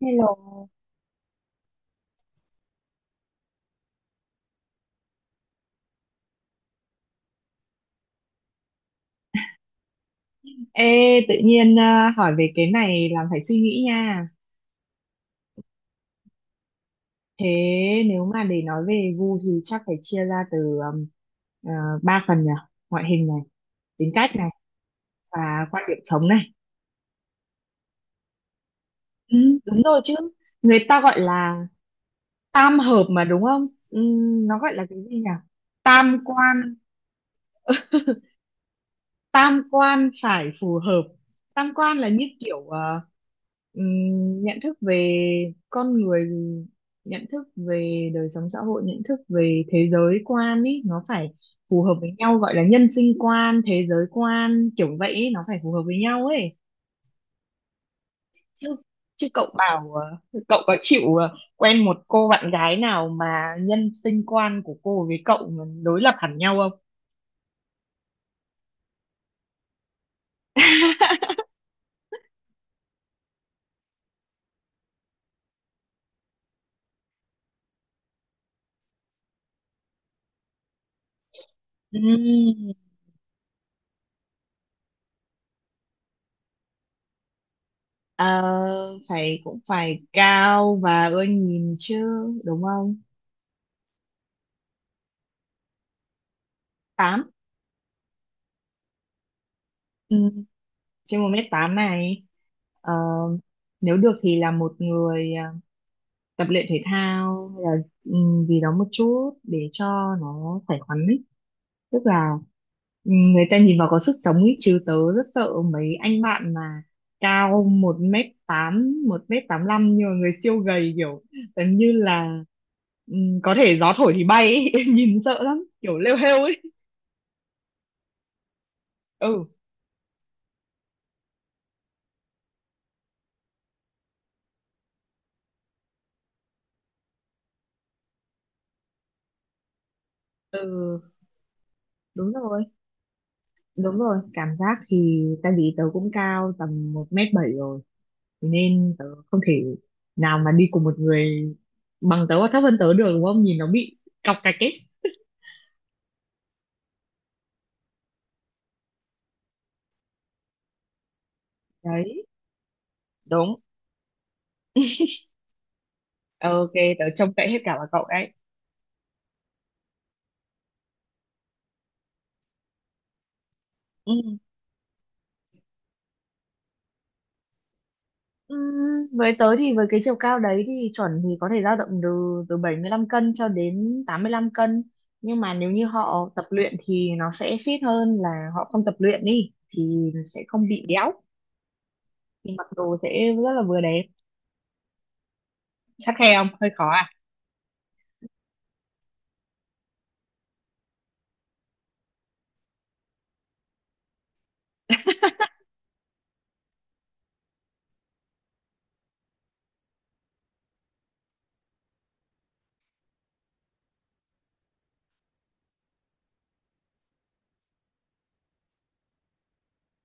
Hello. Ê, tự nhiên à, hỏi về cái này làm phải suy nghĩ nha. Thế nếu mà để nói về gu thì chắc phải chia ra từ um, à, ba phần nhỉ? Ngoại hình này, tính cách này và quan điểm sống này. Ừ, đúng rồi chứ. Người ta gọi là tam hợp mà đúng không? Ừ, nó gọi là cái gì nhỉ? Tam quan tam quan phải phù hợp. Tam quan là như kiểu nhận thức về con người, nhận thức về đời sống xã hội, nhận thức về thế giới quan ý, nó phải phù hợp với nhau, gọi là nhân sinh quan, thế giới quan kiểu vậy ý, nó phải phù hợp với nhau ấy chứ chứ cậu bảo cậu có chịu quen một cô bạn gái nào mà nhân sinh quan của cô với cậu mà đối lập hẳn nhau không? Ừm, Ờ, phải cũng phải cao và ưa nhìn chứ, đúng không? 8 ừ, Trên 1m8 này. Ờ, Nếu được thì là một người tập luyện thể thao hay là ừ, gì đó một chút để cho nó khỏe khoắn, tức là người ta nhìn vào có sức sống ấy. Chứ tớ rất sợ mấy anh bạn mà cao 1m8, 1m85 nhưng mà người siêu gầy, kiểu gần như là ừ, có thể gió thổi thì bay ấy. Nhìn sợ lắm, kiểu lêu hêu ấy. Ừ. Ừ. Đúng rồi. Đúng rồi, cảm giác thì tại vì tớ cũng cao tầm 1m7 rồi. Thế nên tớ không thể nào mà đi cùng một người bằng tớ hoặc thấp hơn tớ được, đúng không, nhìn nó bị cọc cạch ấy. Đấy. Đúng. Ok, tớ trông cậy hết cả vào cậu đấy. Ừ. Với tớ thì với cái chiều cao đấy thì chuẩn thì có thể dao động từ từ 75 cân cho đến 85 cân, nhưng mà nếu như họ tập luyện thì nó sẽ fit hơn. Là họ không tập luyện đi thì sẽ không bị béo, thì mặc đồ sẽ rất là vừa đẹp. Khắt khe không, hơi khó à?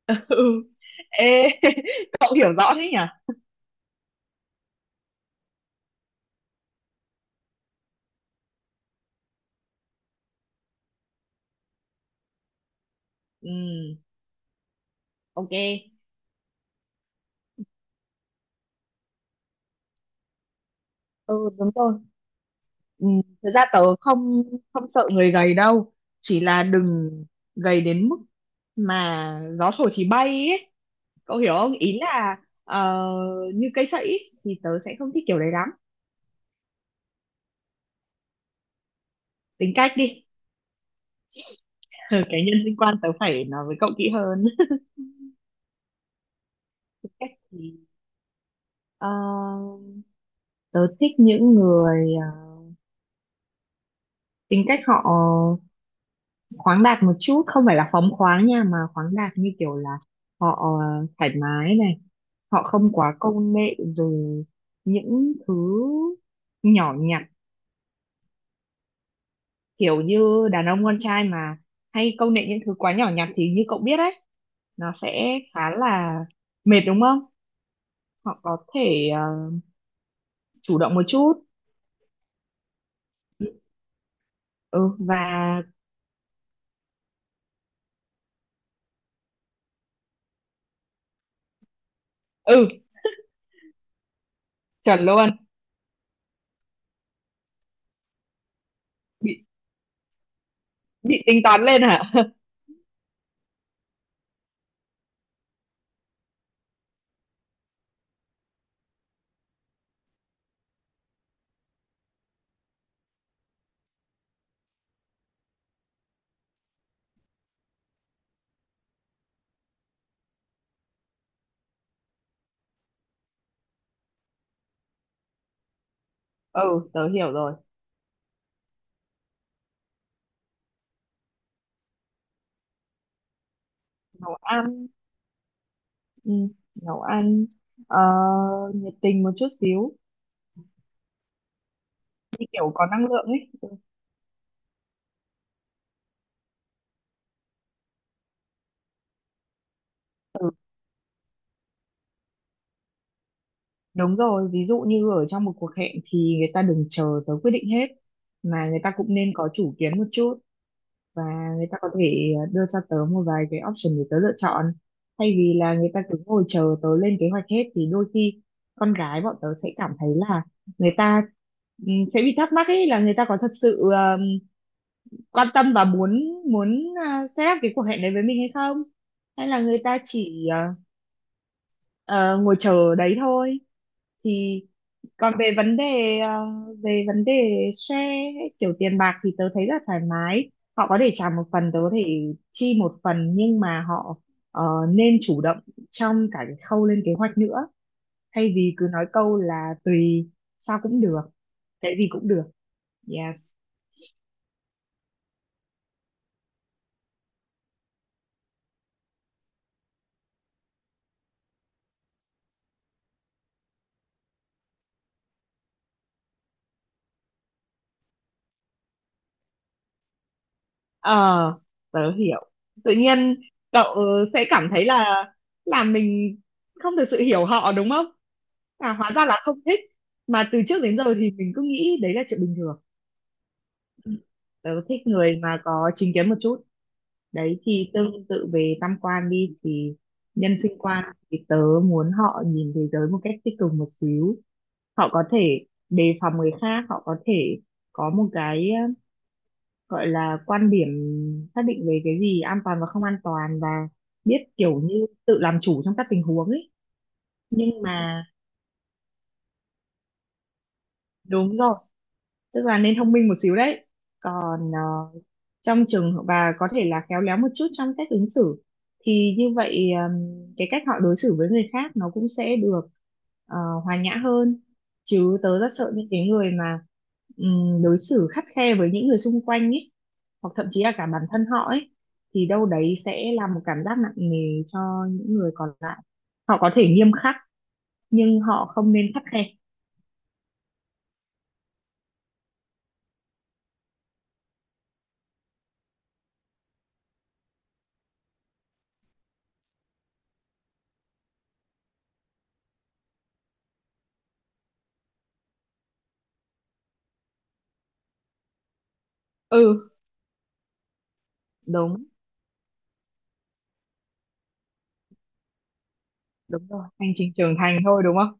Ừ. Ê, cậu hiểu rõ thế nhỉ. Ừ. Ok. Ừ, đúng rồi. Ừ, thật ra tớ không không sợ người gầy đâu, chỉ là đừng gầy đến mức mà gió thổi thì bay ấy, cậu hiểu không, ý là ờ, như cây sậy ấy, thì tớ sẽ không thích kiểu đấy lắm. Tính cách đi. Cái nhân sinh quan tớ phải nói với cậu kỹ hơn. Tính cách thì ờ, tớ thích những người tính cách họ khoáng đạt một chút, không phải là phóng khoáng nha, mà khoáng đạt như kiểu là họ thoải mái này, họ không quá công nghệ rồi những thứ nhỏ nhặt. Kiểu như đàn ông con trai mà hay công nghệ những thứ quá nhỏ nhặt thì như cậu biết đấy, nó sẽ khá là mệt đúng không. Họ có thể chủ động một chút. Ừ. Và ừ, chuẩn luôn. Bị. Bị tính toán lên hả? Ừ, tớ hiểu rồi. Nấu ăn. ừ, Nấu ăn ờ, nhiệt tình một chút xíu, như kiểu có năng lượng ấy. Ừ, đúng rồi, ví dụ như ở trong một cuộc hẹn thì người ta đừng chờ tới quyết định hết, mà người ta cũng nên có chủ kiến một chút, và người ta có thể đưa cho tớ một vài cái option để tớ lựa chọn, thay vì là người ta cứ ngồi chờ tớ lên kế hoạch hết. Thì đôi khi con gái bọn tớ sẽ cảm thấy là người ta sẽ bị thắc mắc ấy, là người ta có thật sự quan tâm và muốn muốn à, set up cái cuộc hẹn đấy với mình hay không, hay là người ta chỉ ờ, ngồi chờ đấy thôi. Thì còn về vấn đề ờ, về vấn đề share ấy, kiểu tiền bạc thì tớ thấy là thoải mái, họ có thể trả một phần, tớ có thể chi một phần, nhưng mà họ ờ, nên chủ động trong cả cái khâu lên kế hoạch nữa, thay vì cứ nói câu là tùy, sao cũng được, cái gì cũng được. Yes. Ờ, Tớ hiểu. Tự nhiên cậu sẽ cảm thấy là mình không thực sự hiểu họ đúng không? À, hóa ra là không thích. Mà từ trước đến giờ thì mình cứ nghĩ đấy là chuyện bình thường. Ừ. Tớ thích người mà có chính kiến một chút. Đấy, thì tương tự về tam quan đi thì nhân sinh quan thì tớ muốn họ nhìn thế giới một cách tích cực một xíu. Họ có thể đề phòng người khác, họ có thể có một cái gọi là quan điểm xác định về cái gì an toàn và không an toàn, và biết kiểu như tự làm chủ trong các tình huống ấy. Nhưng mà đúng rồi, tức là nên thông minh một xíu đấy. Còn trong trường và có thể là khéo léo một chút trong cách ứng xử, thì như vậy cái cách họ đối xử với người khác nó cũng sẽ được ờ, hòa nhã hơn. Chứ tớ rất sợ những cái người mà đối xử khắt khe với những người xung quanh ấy, hoặc thậm chí là cả bản thân họ ấy, thì đâu đấy sẽ là một cảm giác nặng nề cho những người còn lại. Họ có thể nghiêm khắc nhưng họ không nên khắt khe. Ừ. Đúng. Đúng rồi, hành trình trưởng thành thôi đúng không.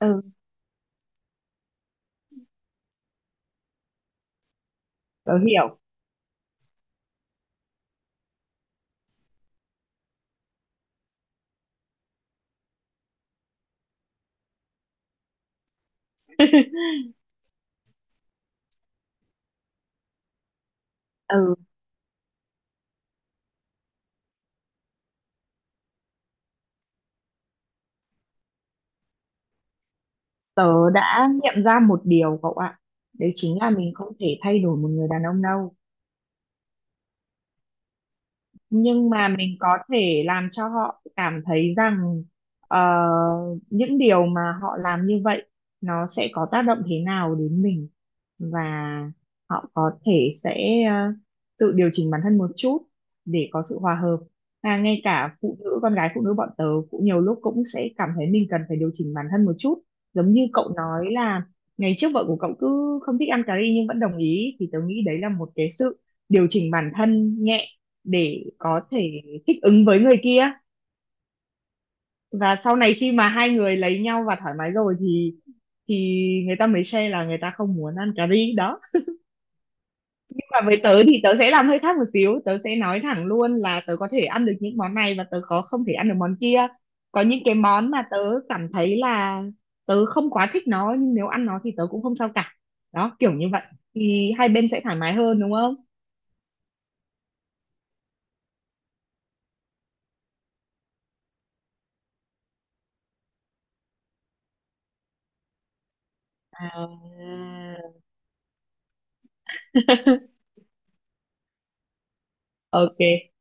Ừ, tớ hiểu. Ừ, tớ đã nghiệm ra một điều, cậu ạ. Đấy chính là mình không thể thay đổi một người đàn ông đâu, nhưng mà mình có thể làm cho họ cảm thấy rằng ờ, những điều mà họ làm như vậy nó sẽ có tác động thế nào đến mình, và họ có thể sẽ tự điều chỉnh bản thân một chút để có sự hòa hợp. Ngay cả phụ nữ, con gái phụ nữ bọn tớ cũng nhiều lúc cũng sẽ cảm thấy mình cần phải điều chỉnh bản thân một chút, giống như cậu nói là ngày trước vợ của cậu cứ không thích ăn cà ri nhưng vẫn đồng ý. Thì tớ nghĩ đấy là một cái sự điều chỉnh bản thân nhẹ để có thể thích ứng với người kia, và sau này khi mà hai người lấy nhau và thoải mái rồi thì người ta mới share là người ta không muốn ăn cà ri đó. Nhưng mà với tớ thì tớ sẽ làm hơi khác một xíu, tớ sẽ nói thẳng luôn là tớ có thể ăn được những món này, và tớ có không thể ăn được món kia. Có những cái món mà tớ cảm thấy là tớ không quá thích nó, nhưng nếu ăn nó thì tớ cũng không sao cả. Đó, kiểu như vậy thì hai bên sẽ thoải mái hơn đúng không. à... ok.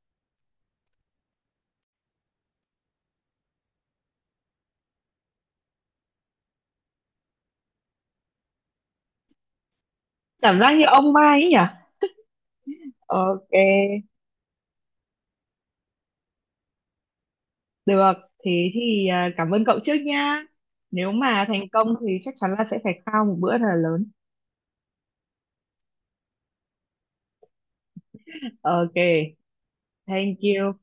Cảm giác như ông Mai ấy nhỉ. Ok, được. Thế thì cảm ơn cậu trước nha. Nếu mà thành công thì chắc chắn là sẽ phải khao một bữa thật là lớn. Ok, thank you.